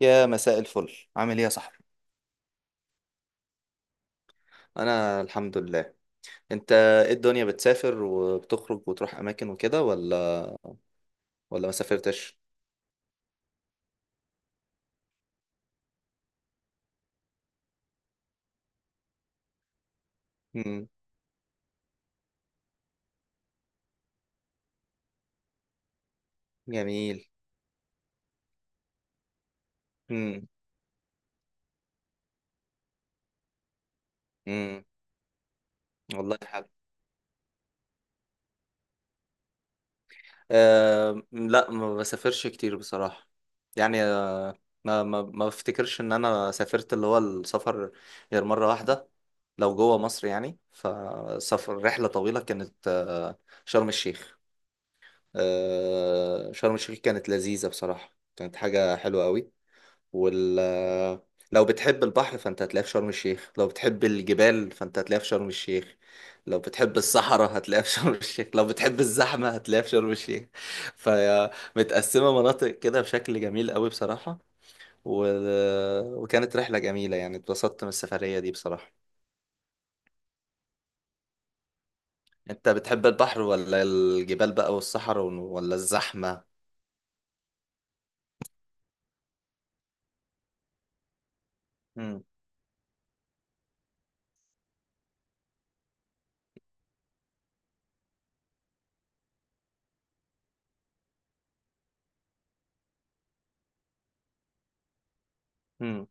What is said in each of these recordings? يا مساء الفل عامل ايه يا صاحبي؟ انا الحمد لله. انت ايه الدنيا بتسافر وبتخرج وتروح اماكن وكده ولا ما سافرتش؟ امم. جميل. امم. امم. والله حلو. أه، لا ما بسافرش كتير بصراحة. يعني ما بفتكرش ان انا سافرت اللي هو السفر غير مرة واحدة. لو جوه مصر يعني، فسفر رحلة طويلة كانت شرم الشيخ. شرم الشيخ كانت لذيذة بصراحة، كانت حاجة حلوة قوي. وال لو بتحب البحر فانت هتلاقيه في شرم الشيخ، لو بتحب الجبال فانت هتلاقيه في شرم الشيخ، لو بتحب الصحراء هتلاقيها في شرم الشيخ، لو بتحب الزحمة هتلاقيها في شرم الشيخ. فهي متقسمة مناطق كده بشكل جميل قوي بصراحة. و... وكانت رحلة جميلة، يعني اتبسطت من السفرية دي بصراحة. انت بتحب البحر ولا الجبال بقى، والصحراء ولا الزحمة؟ مم. مم.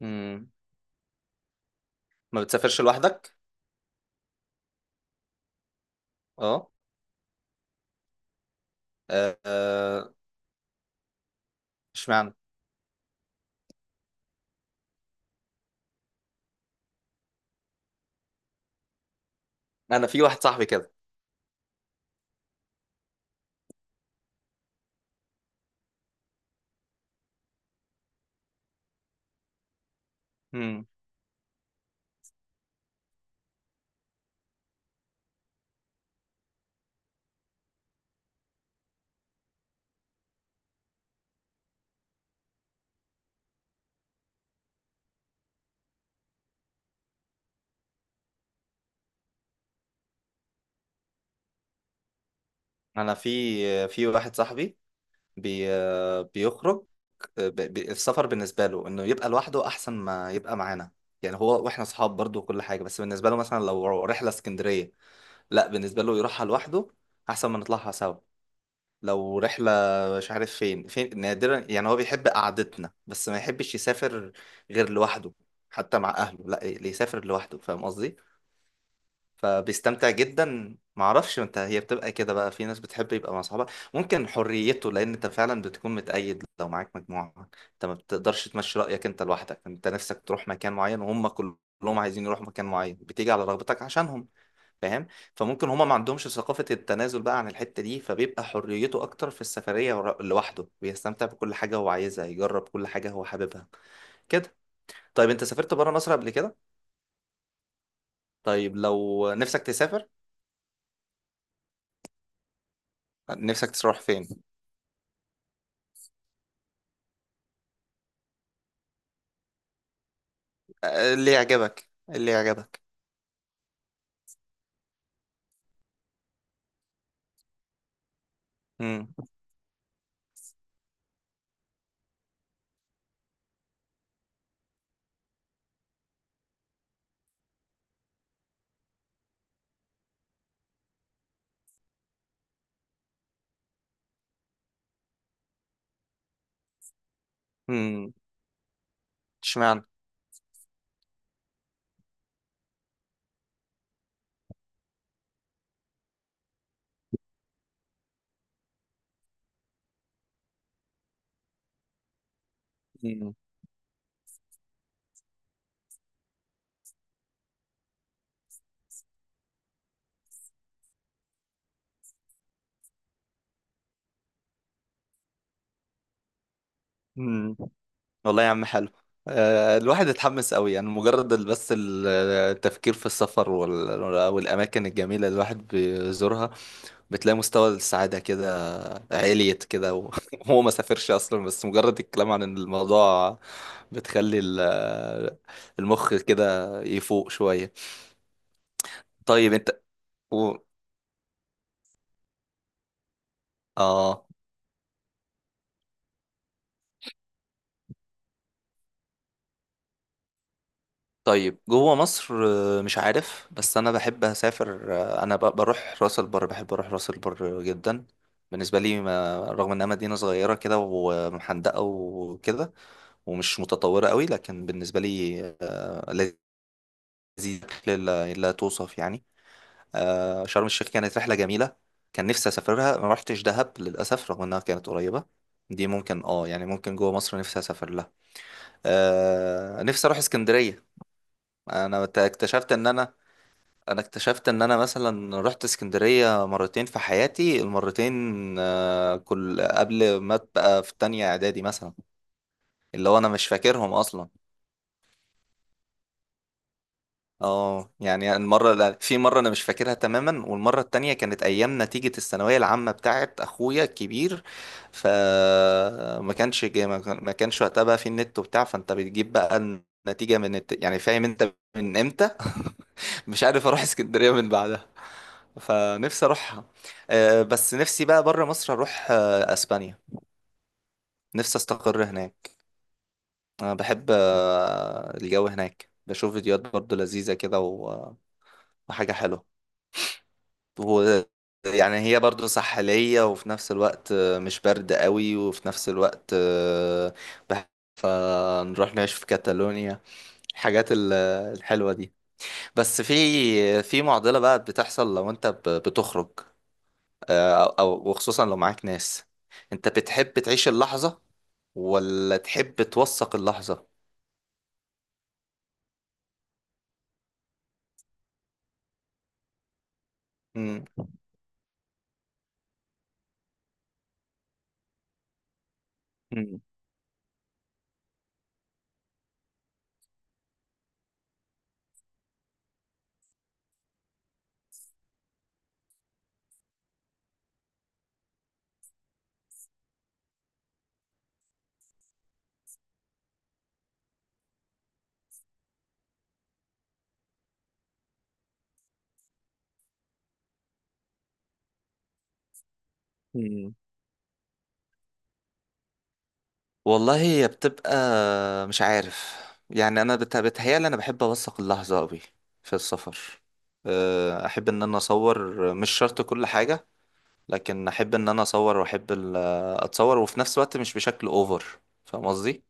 مم. ما بتسافرش لوحدك؟ اه. آه، آه، اشمعنى؟ انا في واحد صاحبي كده. امم. انا في واحد صاحبي بي بيخرج، السفر بالنسبه له انه يبقى لوحده احسن ما يبقى معانا. يعني هو واحنا اصحاب برضو وكل حاجه، بس بالنسبه له مثلا لو رحله اسكندريه، لا بالنسبه له يروحها لوحده احسن ما نطلعها سوا. لو رحله مش عارف فين نادرا يعني، هو بيحب قعدتنا بس ما يحبش يسافر غير لوحده، حتى مع اهله لا اللي يسافر لوحده، فاهم قصدي؟ فبيستمتع جدا، معرفش انت هي بتبقى كده بقى، في ناس بتحب يبقى مع صحابها. ممكن حريته، لان انت فعلا بتكون متقيد لو معاك مجموعة، انت ما بتقدرش تمشي رأيك، انت لوحدك انت نفسك تروح مكان معين وهم كلهم عايزين يروحوا مكان معين، بتيجي على رغبتك عشانهم، فاهم؟ فممكن هما ما عندهمش ثقافة التنازل بقى عن الحتة دي، فبيبقى حريته اكتر في السفرية لوحده، بيستمتع بكل حاجة هو عايزها، يجرب كل حاجة هو حاببها كده. طيب، انت سافرت بره مصر قبل كده؟ طيب، لو نفسك تسافر، نفسك تروح فين؟ اللي يعجبك، اللي يعجبك. امم. امم. اشمعنى؟ مم. مم. والله يا عم، حلو. الواحد اتحمس قوي، يعني مجرد التفكير في السفر والأماكن الجميلة اللي الواحد بيزورها، بتلاقي مستوى السعادة كده عليت كده وهو ما سافرش أصلا، بس مجرد الكلام عن الموضوع بتخلي المخ كده يفوق شوية. طيب انت و... اه طيب جوه مصر. مش عارف، بس انا بحب اسافر، انا بروح راس البر، بحب اروح راس البر جدا. بالنسبه لي، ما رغم انها مدينه صغيره كده ومحندقه وكده، ومش متطوره قوي، لكن بالنسبه لي لذيذ لا توصف يعني. شرم الشيخ كانت رحله جميله، كان نفسي اسافرها، ما رحتش دهب للاسف رغم انها كانت قريبه. دي ممكن يعني، ممكن جوه مصر نفسي اسافر لها. نفسي اروح اسكندريه. انا اكتشفت ان انا انا اكتشفت ان انا مثلا رحت اسكندرية مرتين في حياتي، المرتين كل قبل ما ابقى في تانية اعدادي مثلا، اللي هو انا مش فاكرهم اصلا. اه يعني المرة في مرة انا مش فاكرها تماما، والمرة التانية كانت ايام نتيجة الثانوية العامة بتاعت اخويا الكبير. فما كانش ما كانش وقتها بقى في النت وبتاع، فانت بتجيب بقى النتيجة من يعني فاهم انت من امتى مش عارف اروح اسكندريه من بعدها، فنفسي اروحها. بس نفسي بقى بره مصر اروح اسبانيا. نفسي استقر هناك. انا بحب الجو هناك، بشوف فيديوهات برضو لذيذه كده وحاجه حلوه و- يعني هي برضو ساحليه، وفي نفس الوقت مش برد قوي، وفي نفس الوقت بح- فنروح نعيش في كاتالونيا. الحاجات الحلوه دي. بس في معضله بقى بتحصل لو انت بتخرج، او وخصوصا لو معاك ناس. انت بتحب تعيش اللحظة ولا تحب توثق اللحظة؟ مم. مم. مم. والله، هي بتبقى مش عارف، يعني انا بتهيالي انا بحب اوثق اللحظة قوي في السفر. احب ان انا اصور مش شرط كل حاجة، لكن احب ان انا اصور واحب اتصور، وفي نفس الوقت مش بشكل اوفر، فاهم قصدي؟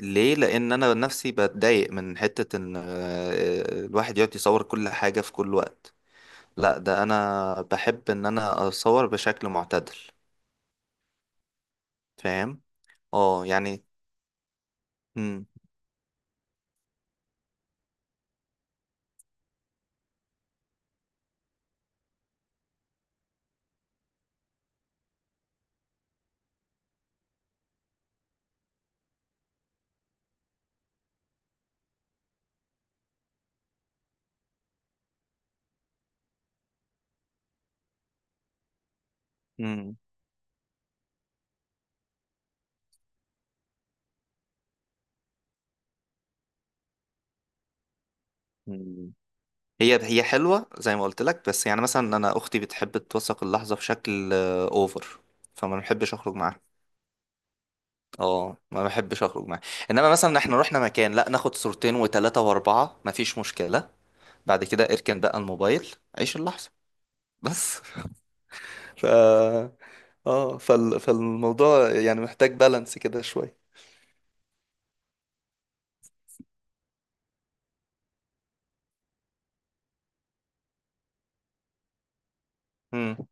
ليه، لان انا نفسي بتضايق من حتة ان الواحد يقعد يصور كل حاجة في كل وقت، لا ده انا بحب ان انا اصور بشكل معتدل، فاهم؟ اه يعني. مم. مم. مم. هي حلوة زي ما قلت لك، بس يعني مثلا انا اختي بتحب توثق اللحظة بشكل اوفر، فما بحبش اخرج معاها، اه ما بحبش اخرج معاها. انما مثلا احنا رحنا مكان، لا ناخد صورتين وثلاثة واربعة مفيش مشكلة، بعد كده اركن بقى الموبايل، عيش اللحظة. بس ف فالموضوع يعني محتاج بالانس كده شوية. امم.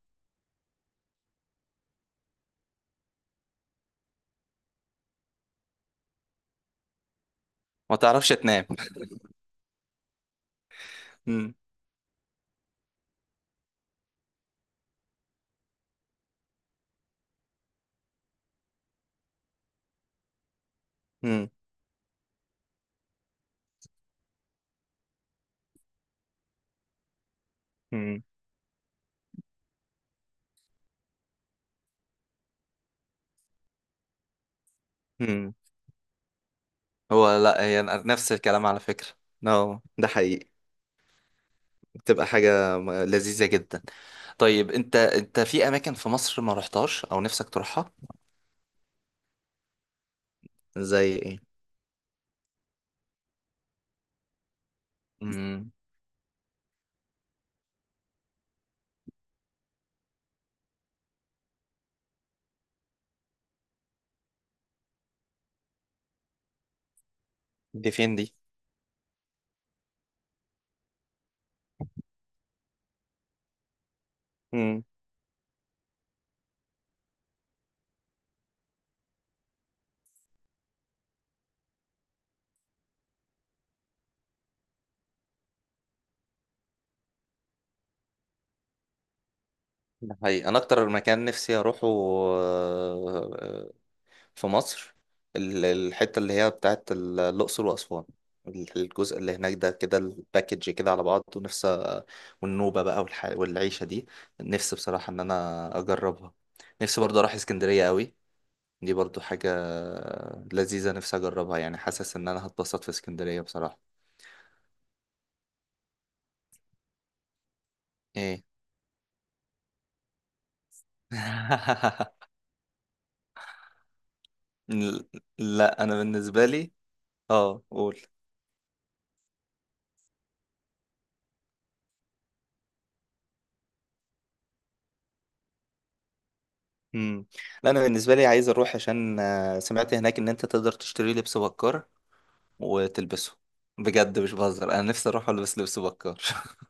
ما تعرفش تنام. امم. امم. امم. امم. هو لا، هي نفس الكلام على فكرة. نو، ده حقيقي. بتبقى حاجة لذيذة جدا. طيب، انت في اماكن في مصر ما رحتهاش او نفسك تروحها؟ زي ايه؟ امم. دي فين دي؟ امم. ده حقيقي، انا اكتر مكان نفسي اروحه في مصر الحتة اللي هي بتاعت الأقصر وأسوان، الجزء اللي هناك ده كده الباكج كده على بعض، ونفسي والنوبة بقى والعيشة دي، نفسي بصراحة إن أنا أجربها. نفسي برضه أروح اسكندرية قوي، دي برضه حاجة لذيذة نفسي أجربها، يعني حاسس إن أنا هتبسط في اسكندرية بصراحة. إيه؟ ل- لا، أنا بالنسبة لي قول. مم. لا، انا بالنسبه لي عايز اروح عشان سمعت هناك ان انت تقدر تشتري لبس بكار وتلبسه، بجد مش بهزر، انا نفسي اروح البس لبس بكار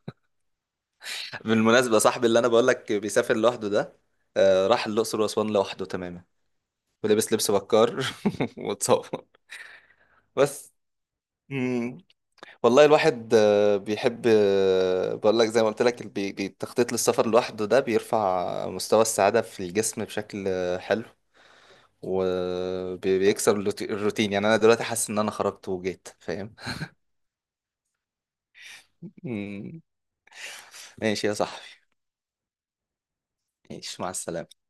بالمناسبه، صاحبي اللي انا بقول لك بيسافر لوحده ده راح الاقصر واسوان لوحده تماما. ولبس لبس بكار واتصور بس. مم. والله، الواحد بيحب، بقول لك زي ما قلت لك التخطيط للسفر لوحده ده بيرفع مستوى السعاده في الجسم بشكل حلو. وبيكسر الروتين، يعني انا دلوقتي حاسس ان انا خرجت وجيت، فاهم؟ مم. ماشي يا صاحبي. ماشي، مع السلامه.